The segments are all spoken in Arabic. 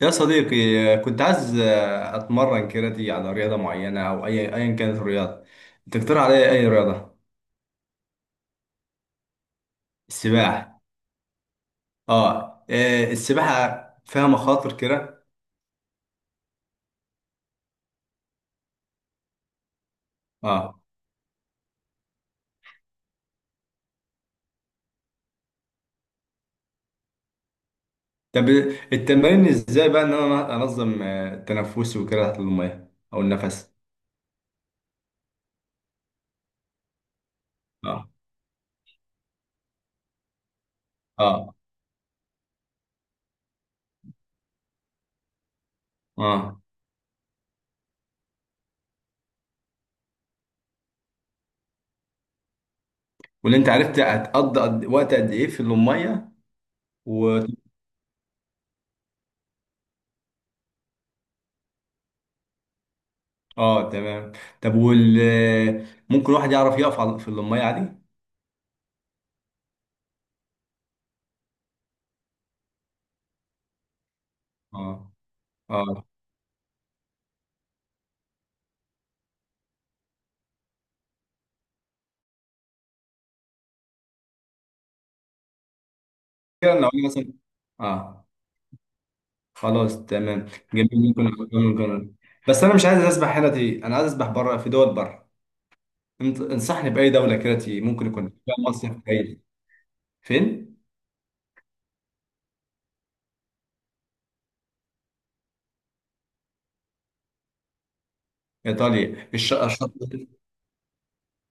يا صديقي، كنت عايز اتمرن كاراتيه على رياضه معينه او اي ايا كانت الرياضه. تقترح عليا اي رياضه؟ السباحه. اه. السباحه فيها مخاطر كده؟ اه. طب التمارين ازاي بقى ان انا انظم تنفسي وكده تحت الميه او النفس؟ اه. اه. اه. واللي انت عرفت هتقضي وقت قد ايه في الميه؟ و... اه، تمام. طب وال آه، ممكن واحد يعرف يقف في الميه عادي؟ اه. اه. كده لو انا مثلا، اه، خلاص تمام. جميل. ممكن أعمل. بس انا مش عايز اسبح هنا تي، انا عايز اسبح بره، في دول بره. انت انصحني باي دوله كده تي ممكن يكون فيها مصيف كويس؟ فين؟ ايطاليا الشاطئ؟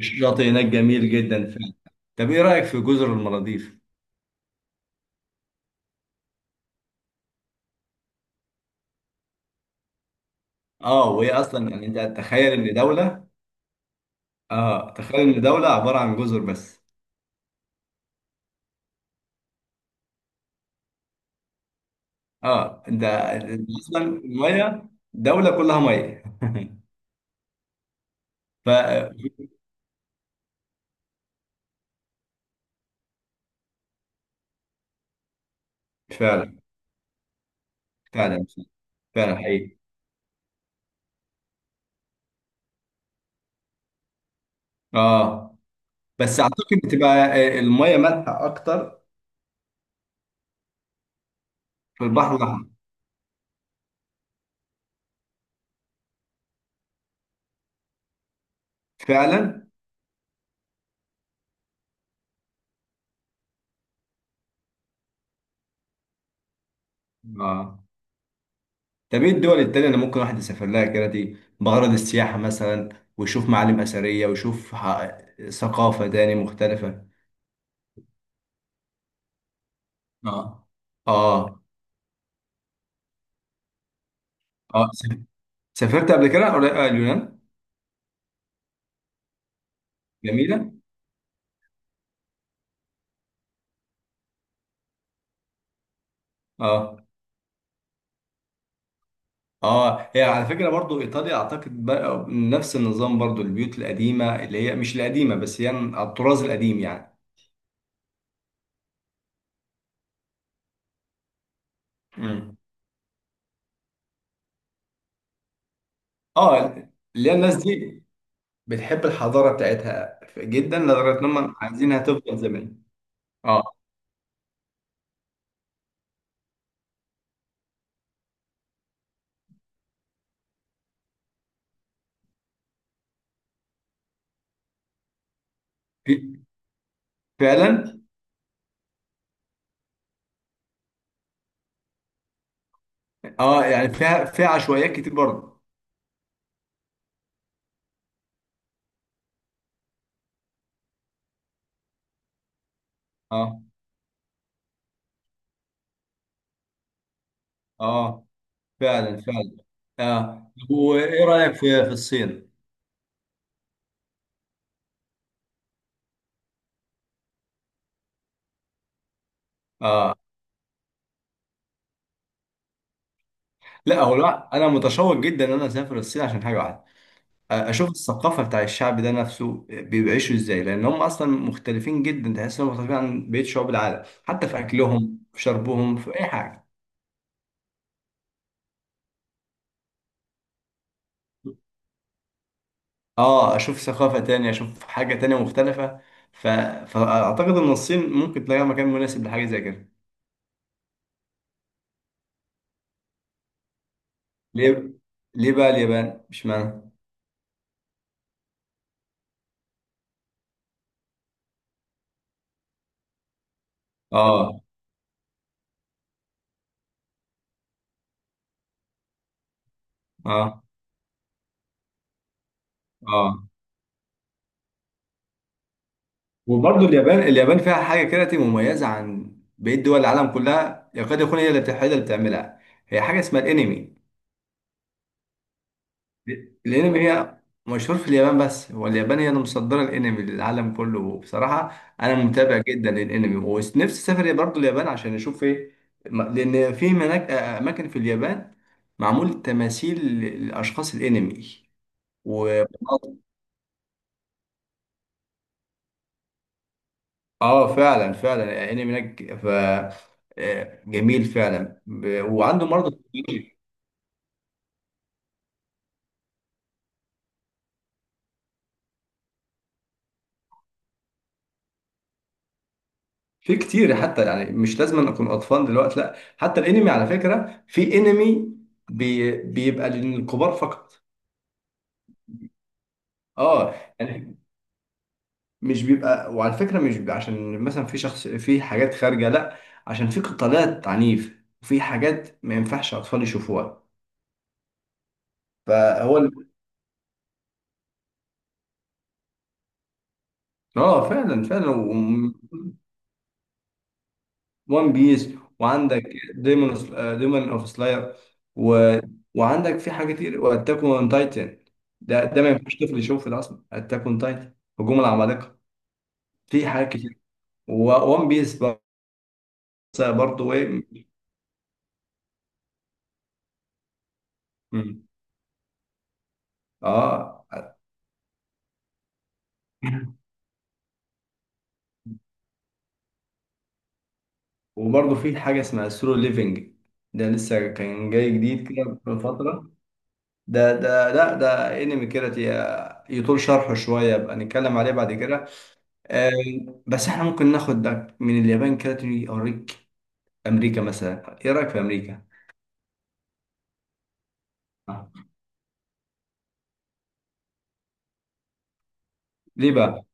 الشاطئ هناك جميل جدا فعلا. طب ايه رايك في جزر المالديف؟ اه، وهي اصلا يعني انت تخيل ان دوله، اه، تخيل ان دوله عباره عن جزر بس. اه، انت اصلا الميه، دوله كلها ميه. ف، فعلا، فعلا، فعلا حقيقي. اه، بس اعتقد بتبقى، الميه مالحه اكتر في البحر الاحمر. فعلا. اه. طب ايه الدول التانية اللي ممكن واحد يسافر لها كده دي بغرض السياحه مثلا، ويشوف معالم اثريه، ويشوف ثقافه تاني مختلفه؟ اه. اه. اه. سافرت قبل كده اليونان؟ جميله. اه. اه، هي على فكره برضو ايطاليا اعتقد بقى نفس النظام برضو، البيوت القديمه اللي هي مش القديمه بس يعني على الطراز القديم يعني. مم. اه. اللي هي الناس دي بتحب الحضاره بتاعتها جدا لدرجه ان هم عايزينها تفضل زي ما هي. اه. في. فعلا. اه، يعني فيها، فيها عشوائيات كتير برضه. اه. اه، فعلا فعلا. اه، وايه رايك في في الصين؟ اه. لا، هو لا، انا متشوق جدا ان انا اسافر الصين عشان حاجه واحده. اشوف الثقافه بتاع الشعب ده نفسه بيعيشوا ازاي، لان هم اصلا مختلفين جدا، تحس انهم مختلفين عن بقيه شعوب العالم، حتى في اكلهم، في شربهم، في اي حاجه. اه، اشوف ثقافة تانية، اشوف حاجة تانية مختلفة. ف... فاعتقد ان الصين ممكن تلاقي مكان مناسب لحاجة زي كده. ليه؟ ليه بقى اليابان مش معنى؟ اه. اه. اه، وبرضه اليابان، اليابان فيها حاجة كده تبقى مميزة عن بقية دول العالم كلها، يكاد يكون هي اللي هي اللي بتعملها. هي حاجة اسمها الانمي. الانمي هي مشهور في اليابان، بس هو اليابان هي اللي مصدره الانمي للعالم كله. وبصراحه انا متابع جدا للانمي، ونفسي اسافر برضه اليابان عشان اشوف ايه. لان في هناك اماكن في اليابان معمول تماثيل لاشخاص الانمي. و، اه، فعلا فعلا الانمي هناك ف، جميل فعلا. وعنده برضه في كتير، حتى يعني مش لازم أن اكون اطفال دلوقتي، لا، حتى الانمي على فكره في انمي بيبقى للكبار فقط. اه، يعني مش بيبقى، وعلى فكره مش بيبقى عشان مثلا في شخص في حاجات خارجه، لا، عشان في قتالات عنيف وفي حاجات ما ينفعش اطفال يشوفوها. فهو ال- اه، فعلا فعلا. وان بيس. وعندك ديمون، ديمون اوف سلاير. و... وعندك في حاجه كتير، واتاك اون تايتن. ده ده ما ينفعش طفل يشوفه، ده اصلا اتاك اون تايتن، هجوم العمالقه. في حاجات كتير، وان بيس برضه ايه. م-. اه، وبرضه في حاجه اسمها سولو ليفنج. ده لسه كان جاي جديد كده من فتره. ده ده، لا، ده انمي كده، يطول شرحه شويه، يبقى نتكلم عليه بعد كده. آه، بس احنا ممكن ناخدك من اليابان كده تيجي اوريك امريكا مثلا. ايه رايك في امريكا؟ آه. ليه بقى؟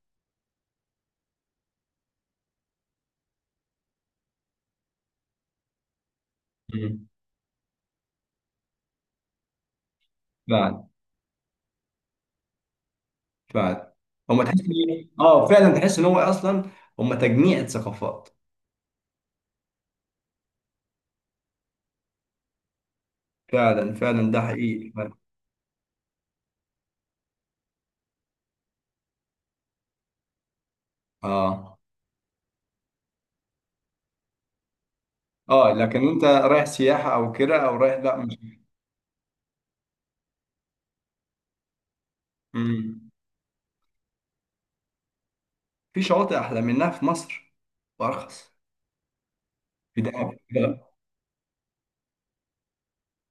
مم. بعد، بعد، هما تحس اه فعلا، تحس ان هو اصلا هما تجميع ثقافات. فعلا فعلا، ده حقيقي. اه. اه، لكن انت رايح سياحه او كده او رايح لا مش. مم. في شواطئ احلى منها في مصر، وارخص. في دهب.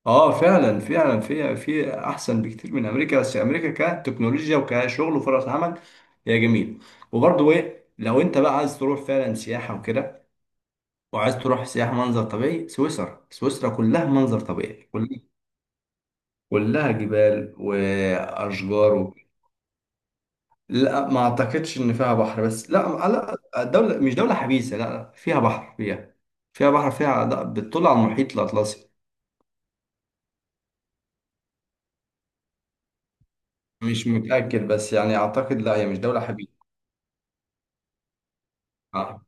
اه، فعلا فعلا، في في احسن بكتير من امريكا، بس امريكا كتكنولوجيا وكشغل وفرص عمل هي جميل. وبرضه ايه، لو انت بقى عايز تروح فعلا سياحه وكده، وعايز تروح سياحه منظر طبيعي، سويسرا. سويسرا كلها منظر طبيعي، كلها كلها جبال واشجار لا ما اعتقدش ان فيها بحر بس، لا، لا دوله، مش دوله حبيسه، لا لا، فيها بحر، فيها، فيها بحر، فيها بتطل على المحيط الاطلسي. مش متاكد بس يعني اعتقد لا، هي مش دوله حبيسه. آه.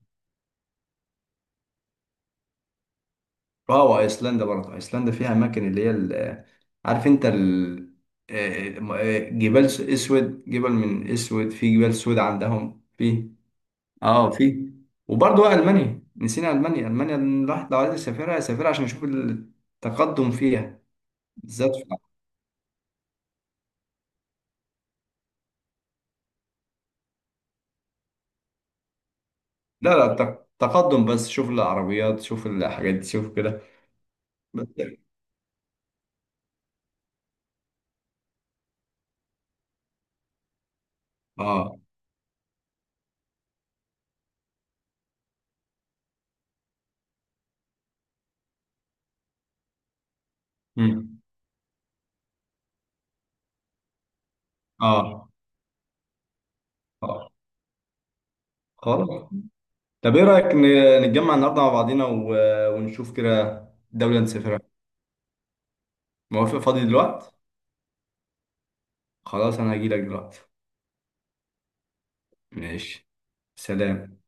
اه، وايسلندا برضه، ايسلندا فيها اماكن اللي هي عارف انت ال، جبال اسود، جبل من اسود، في جبال سود عندهم في. اه، في. وبرضه بقى المانيا، نسينا المانيا، المانيا الواحد لو عايز يسافرها يسافرها عشان يشوف التقدم فيها. بالذات في. لا لا، تقدم بس، شوف العربيات، شوف الحاجات دي، شوف كده. بس، اه. مم. اه. اه. خلاص. طب ايه رأيك نتجمع النهارده مع بعضينا ونشوف كده دولة نسافرها؟ موافق. فاضي دلوقتي؟ خلاص انا هجيلك دلوقتي. ماشي. سلام.